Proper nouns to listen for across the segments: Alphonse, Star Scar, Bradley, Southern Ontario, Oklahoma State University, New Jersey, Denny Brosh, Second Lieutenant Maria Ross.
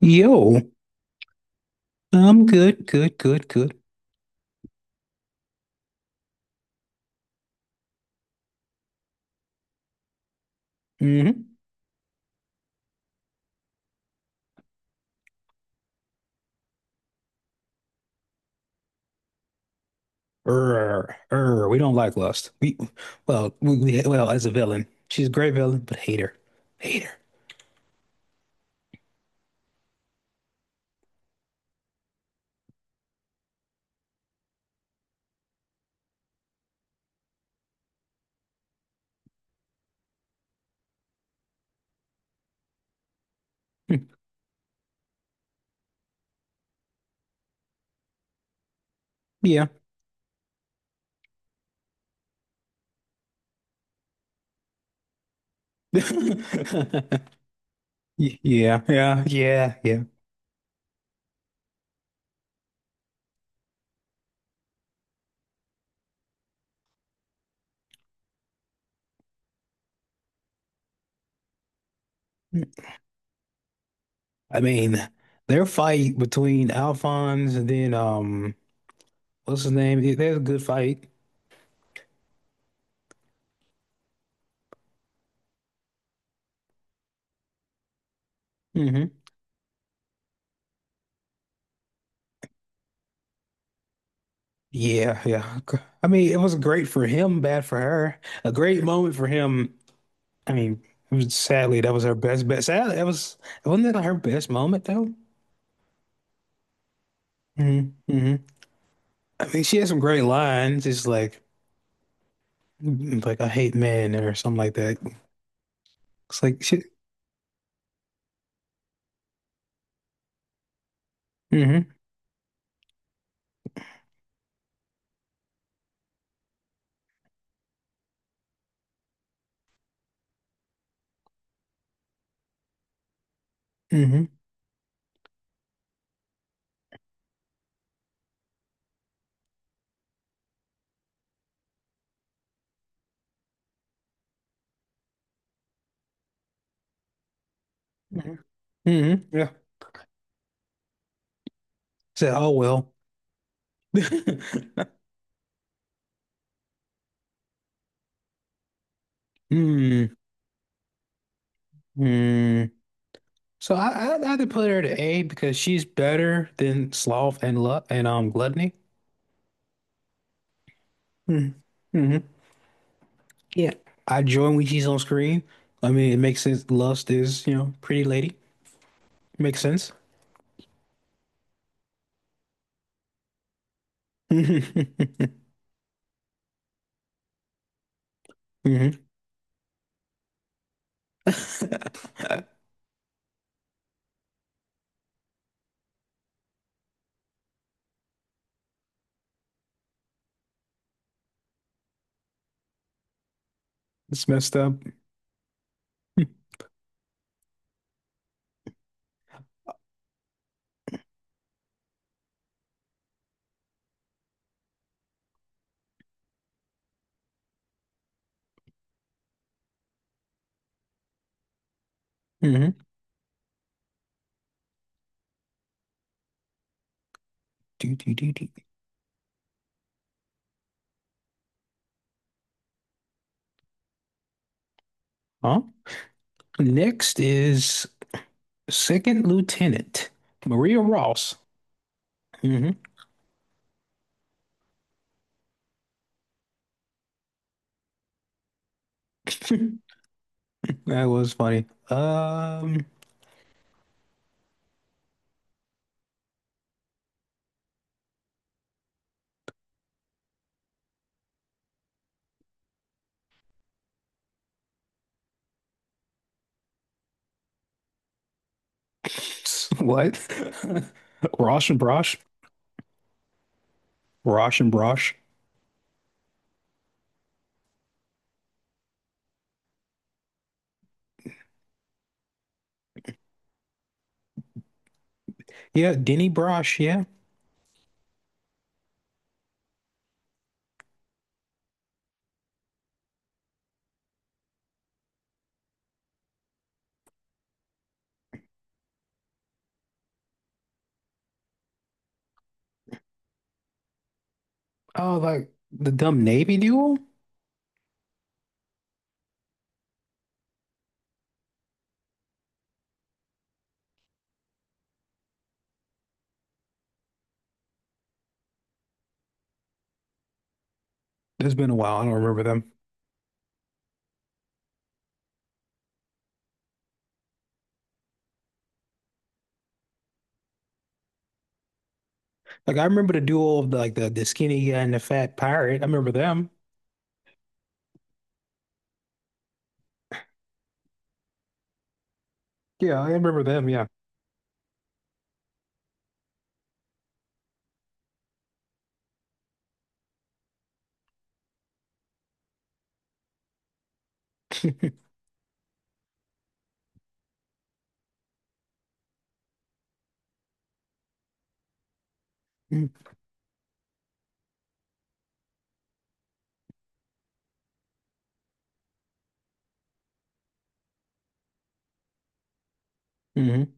Yo, I'm good, good, good, good. Hmm. We don't like Lust. We, well, as a villain, she's a great villain, but hate her, hate her. Hmm. Yeah. Yeah, yeah, yeah, yeah. I mean, their fight between Alphonse and then what's his name? There's a good fight. Hmm. Yeah, yeah. I mean, it was great for him, bad for her. A great moment for him. I mean, it was, sadly, that was her best bet. Sadly, that was — wasn't that her best moment though? Hmm. Hmm. I mean, she had some great lines. Like I hate men or something like that. It's like she. Hmm. Hmm. Hmm. Hmm. Yeah. Said, oh well. Mm, mm. So I had to put her to A because she's better than Sloth and Lu and Gluttony. Mm-hmm. Mm-hmm. Yeah, I join when she's on screen. I mean, it makes sense. Lust is, you know, pretty lady. Makes sense. Hmm. It's messed up. Hmm. Do, do, do, do. Huh? Next is Second Lieutenant Maria Ross. Hmm. That was funny. Um, what? Rosh and Brosh? Rosh and Brosh? Yeah, Denny Brosh. Yeah. Oh, like the dumb Navy duo? It's been a while. I don't remember them. Like I remember the duo of the, like the skinny guy and the fat pirate. I remember them. Yeah, I remember them. Yeah. Hmm.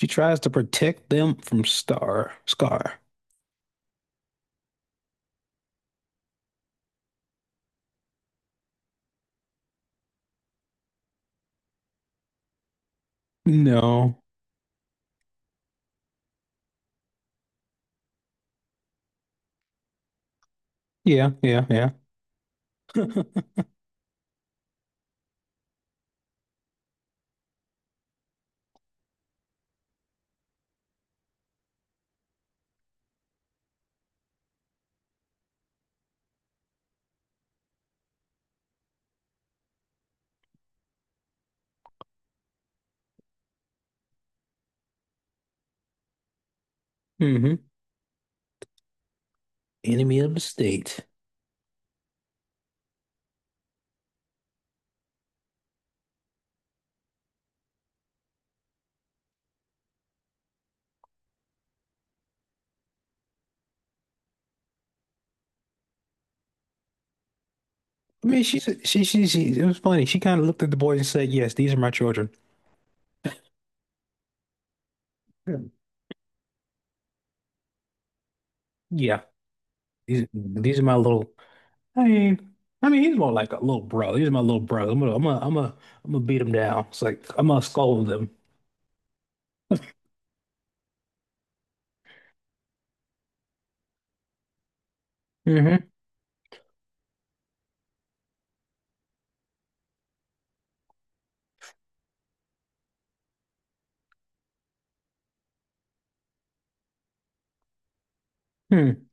She tries to protect them from Star Scar. No. Yeah. Yeah. Yeah. Hmm. Enemy of the state. I mean, she she. It was funny. She kind of looked at the boys and said, "Yes, these are my children." Yeah. Yeah. These are my little — I mean, I mean, he's more like a little bro. He's my little brother. I'm gonna beat him down. It's like I'm gonna scold him. Mm-hmm.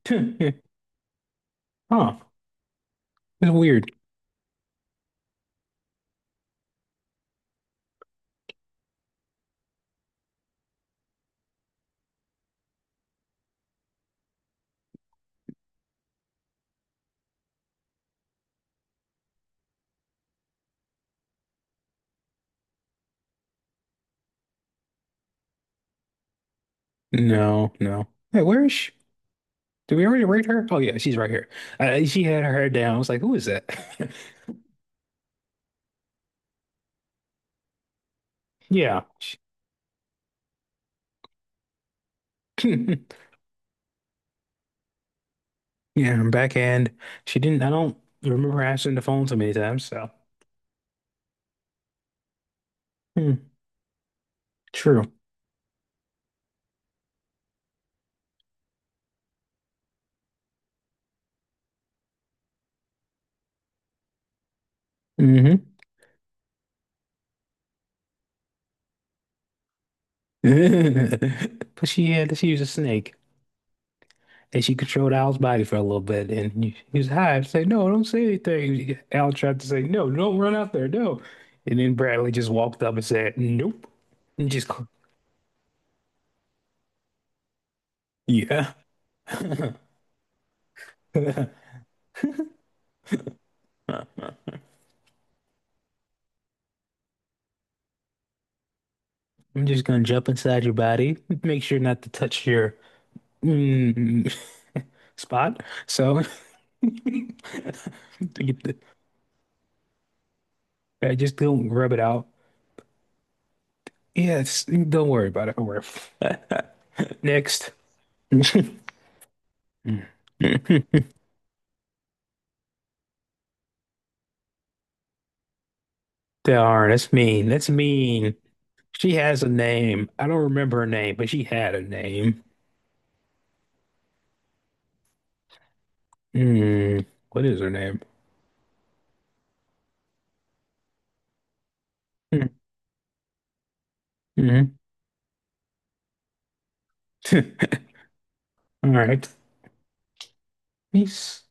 Hmm. Huh. It's weird. No, no. Hey, where is she? Did we already rate her? Oh yeah, she's right here. She had her hair down. I was like, who is that? Yeah. She- Yeah, her backhand. She didn't. I don't remember her answering the phone so many times. So, hmm, true. Hmm. But she had. She was a snake. And she controlled Al's body for a little bit, and he was high. I'd say, "No, don't say anything." Al tried to say, "No, don't run out there, no." And then Bradley just walked up and said, "Nope," and just, cl- "Yeah, I'm just gonna jump inside your body. Make sure not to touch your mm, spot." So, get the- I just don't rub it out. Yes, don't worry about it. Don't worry. Next. They are. That's mean. That's mean. She has a name. I don't remember her name, but she had a name. Hmm. What is her name? Mm-hmm. All right. Peace.